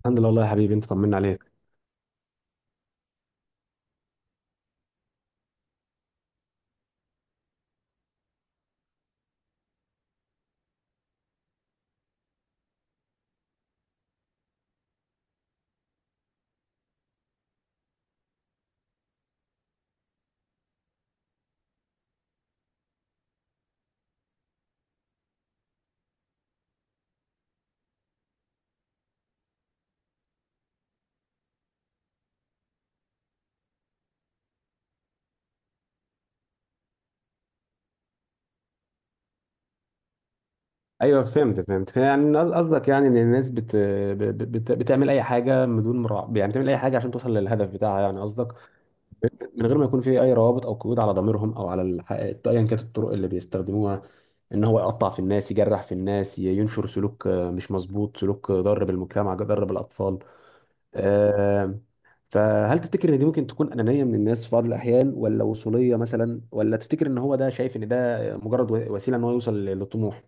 الحمد لله والله يا حبيبي انت طمنا عليك. ايوه، فهمت يعني قصدك يعني ان الناس بتعمل اي حاجه بدون مراع، يعني بتعمل اي حاجه عشان توصل للهدف بتاعها، يعني قصدك من غير ما يكون في اي روابط او قيود على ضميرهم او على ايا كانت الطرق اللي بيستخدموها ان هو يقطع في الناس، يجرح في الناس، ينشر سلوك مش مظبوط، سلوك ضار بالمجتمع ضار بالاطفال. آه، فهل تفتكر ان دي ممكن تكون انانيه من الناس في بعض الاحيان، ولا وصوليه مثلا، ولا تفتكر ان هو ده شايف ان ده مجرد وسيله ان هو يوصل للطموح؟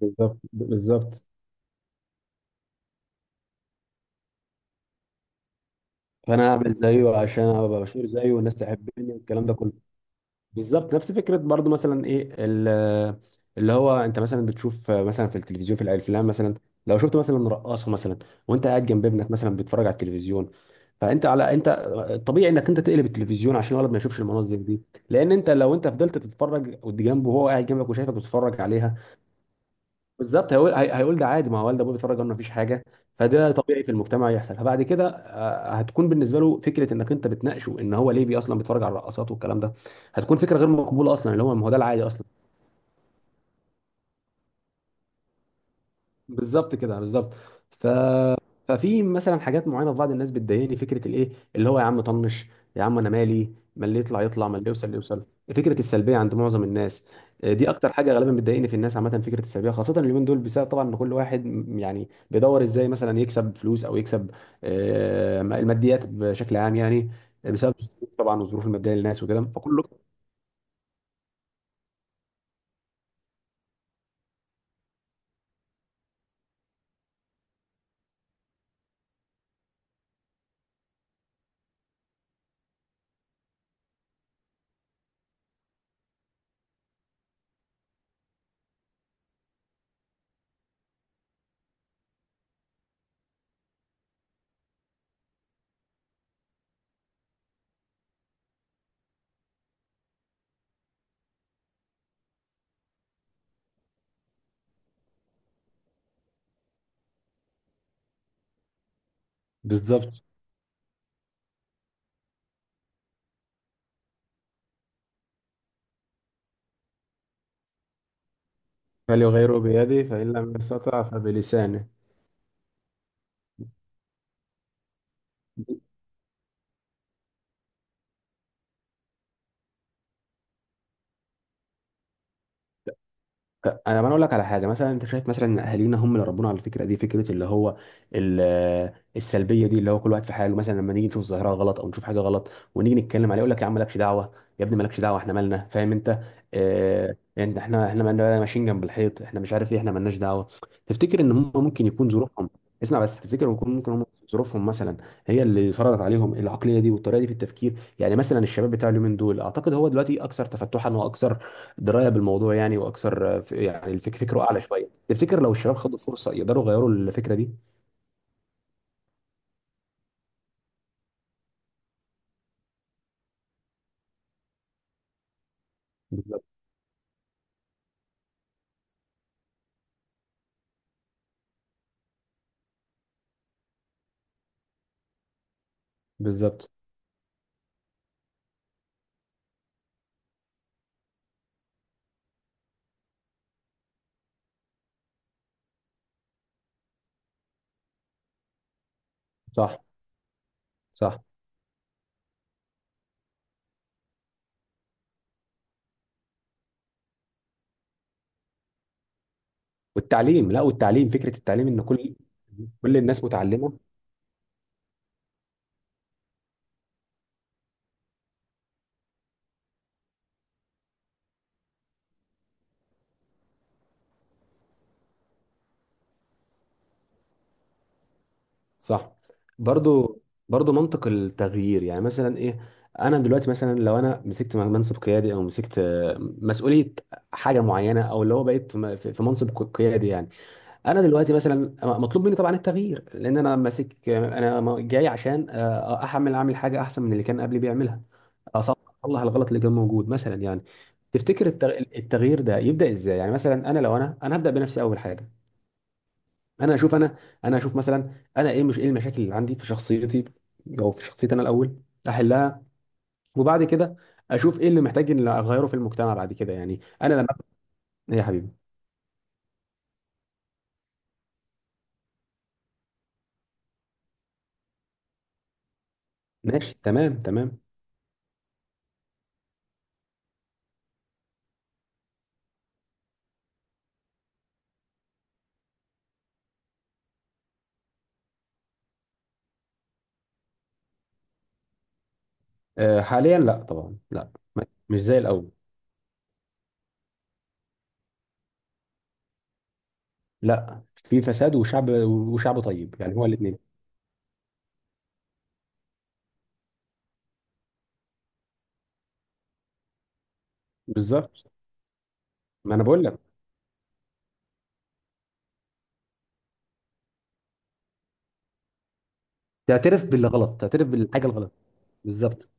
بالظبط بالظبط فانا اعمل زيه عشان ابقى مشهور زيه والناس تحبني والكلام ده كله. بالظبط، نفس فكره برضو. مثلا ايه، اللي هو انت مثلا بتشوف مثلا في التلفزيون، في الافلام مثلا، لو شفت مثلا رقاصه مثلا، وانت قاعد جنب ابنك مثلا بيتفرج على التلفزيون، فانت على انت طبيعي انك انت تقلب التلفزيون عشان الولد ما يشوفش المناظر دي. لان انت لو انت فضلت تتفرج جنبه وهو قاعد جنبك وشايفك بتتفرج عليها، بالظبط هيقول هيقول ده عادي، ما هو والد ابوه بيتفرج عنه مفيش حاجه. فده طبيعي في المجتمع يحصل. فبعد كده هتكون بالنسبه له فكره انك انت بتناقشه ان هو ليه بي اصلا بيتفرج على الرقصات والكلام ده، هتكون فكره غير مقبوله اصلا، اللي هو ما هو ده العادي اصلا. بالظبط كده، بالظبط. ف ففي مثلا حاجات معينه في بعض الناس بتضايقني، فكره الايه اللي هو يا عم طنش، يا عم انا مالي، ما اللي يطلع يطلع، ما اللي يوصل اللي يوصل، فكره السلبيه عند معظم الناس. دي اكتر حاجه غالبا بتضايقني في الناس عامه، فكره السلبيه، خاصه اليومين دول، بسبب طبعا ان كل واحد يعني بيدور ازاي مثلا يكسب فلوس او يكسب الماديات بشكل عام يعني. بسبب طبعا الظروف الماديه للناس وكده فكله بالظبط. فليغيره بيده، فان لم يستطع فبلسانه. انا ما اقول لك على حاجه، مثلا انت شايف مثلا ان اهالينا هم اللي ربونا على الفكره دي، فكره اللي هو السلبيه دي، اللي هو كل واحد في حاله. مثلا لما نيجي نشوف ظاهره غلط او نشوف حاجه غلط ونيجي نتكلم عليها يقول لك يا عم مالكش دعوه، يا ابني مالكش دعوه، احنا مالنا، فاهم انت؟ اه، انت احنا، احنا مالنا ماشيين جنب الحيط، احنا مش عارف ايه، احنا مالناش دعوه. تفتكر ان هم ممكن يكون ظروفهم، اسمع بس، تفتكر ممكن، ممكن هم ظروفهم مثلا هي اللي فرضت عليهم العقليه دي والطريقه دي في التفكير؟ يعني مثلا الشباب بتاع اليومين دول اعتقد هو دلوقتي اكثر تفتحا واكثر درايه بالموضوع يعني، واكثر يعني فكره اعلى شويه. تفتكر لو الشباب خدوا فرصه يقدروا يغيروا الفكره دي؟ بالظبط بالظبط. صح صح. والتعليم، لا والتعليم، فكره التعليم ان كل الناس متعلمه. صح. برضو برضو منطق التغيير، يعني مثلا ايه، انا دلوقتي مثلا لو انا مسكت منصب قيادي او مسكت مسؤوليه حاجه معينه، او اللي هو بقيت في منصب قيادي يعني، انا دلوقتي مثلا مطلوب مني طبعا التغيير، لان انا ماسك، انا جاي عشان آه، احمل اعمل حاجه احسن من اللي كان قبلي بيعملها. اصلح، أصلح الغلط اللي كان موجود مثلا يعني. تفتكر التغيير ده يبدا ازاي؟ يعني مثلا انا لو انا هبدا بنفسي اول حاجه. انا اشوف انا، انا اشوف مثلا، انا ايه، مش ايه المشاكل اللي عندي في شخصيتي او في شخصيتي انا الاول، احلها، وبعد كده اشوف ايه اللي محتاج ان اغيره في المجتمع بعد كده، يعني انا لما. يا حبيبي، ماشي تمام تمام. حاليا لا طبعا لا. مش زي الاول. لا، في فساد وشعب، وشعب طيب يعني، هو الاثنين. بالظبط، ما انا بقول لك، تعترف باللي غلط، تعترف بالحاجه الغلط. بالظبط.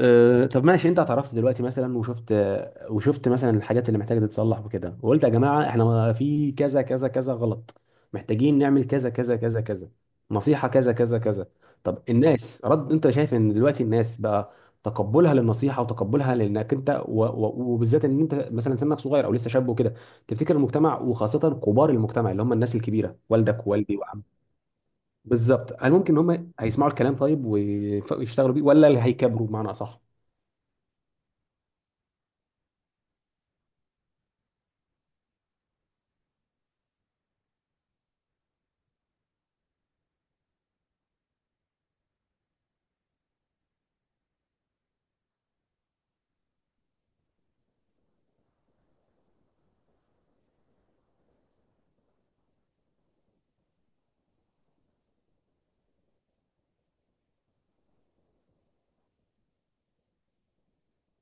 أه، طب ماشي، انت اعترفت دلوقتي مثلا وشفت، وشفت مثلا الحاجات اللي محتاجه تتصلح وكده، وقلت يا جماعه احنا في كذا كذا كذا غلط، محتاجين نعمل كذا كذا كذا كذا، نصيحه كذا كذا كذا. طب الناس، رد، انت شايف ان دلوقتي الناس بقى تقبلها للنصيحه وتقبلها لانك انت وبالذات ان انت مثلا سنك صغير او لسه شاب وكده، تفتكر المجتمع وخاصه كبار المجتمع اللي هم الناس الكبيره، والدك ووالدي وعم، بالظبط، هل ممكن ان هم هيسمعوا الكلام طيب ويف- ويشتغلوا بيه، ولا اللي هيكبروا بمعنى اصح؟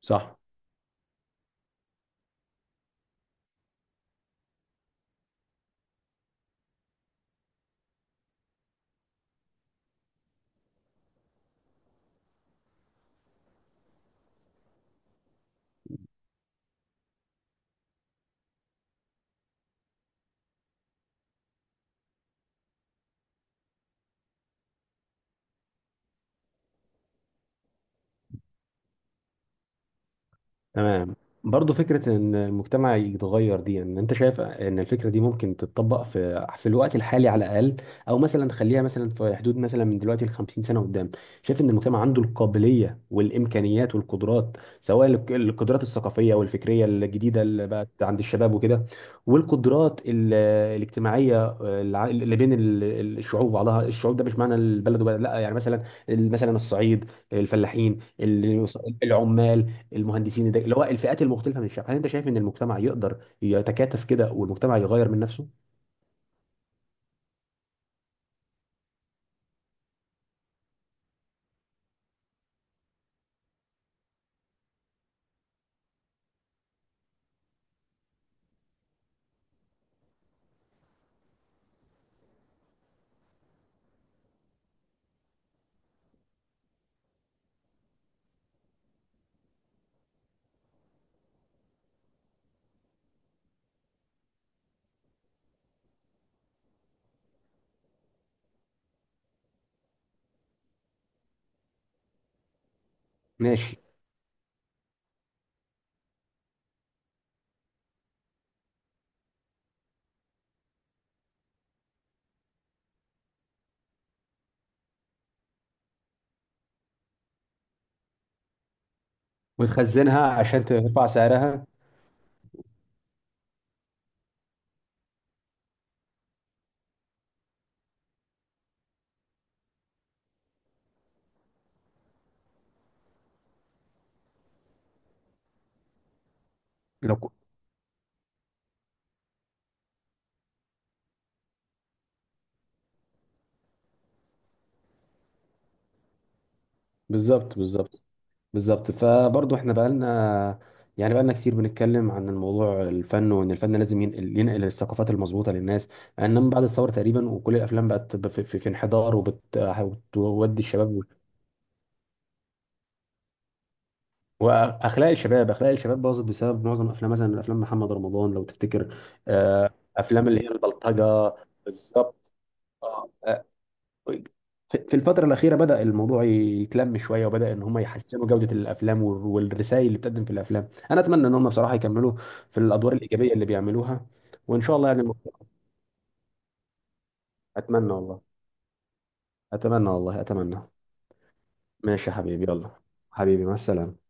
صح. تمام. برضه فكرة إن المجتمع يتغير دي، يعني أنت شايف إن الفكرة دي ممكن تتطبق في الوقت الحالي على الأقل، أو مثلا خليها مثلا في حدود، مثلا من دلوقتي ل 50 سنة قدام، شايف إن المجتمع عنده القابلية والإمكانيات والقدرات، سواء القدرات الثقافية والفكرية الجديدة اللي بقت عند الشباب وكده، والقدرات الاجتماعية اللي بين الشعوب بعضها، الشعوب ده مش معنى البلد وبلد لا، يعني مثلا، مثلا الصعيد، الفلاحين، العمال، المهندسين، اللي هو الفئات المختلفه من الشعب، هل انت شايف ان المجتمع يقدر يتكاتف كده والمجتمع يغير من نفسه؟ ماشي. وتخزنها عشان ترفع سعرها. لو ك- بالظبط بالظبط. بالظبط، فبرضه احنا بقالنا، يعني بقالنا كتير بنتكلم عن الموضوع، الفن، وان الفن لازم ينقل، ينقل الثقافات المظبوطه للناس، انما بعد الثوره تقريبا وكل الافلام بقت في انحدار، وبتودي الشباب، واخلاق الشباب اخلاق الشباب باظت بسبب معظم افلام، مثلا افلام محمد رمضان لو تفتكر. افلام اللي هي البلطجه، بالظبط. آه، آه، في الفتره الاخيره بدا الموضوع يتلم شويه، وبدا ان هم يحسنوا جوده الافلام والرسائل اللي بتقدم في الافلام. انا اتمنى ان هم بصراحه يكملوا في الادوار الايجابيه اللي بيعملوها، وان شاء الله يعني. اتمنى والله، اتمنى والله اتمنى. ماشي يا حبيبي، يلا. حبيبي، مع السلامه.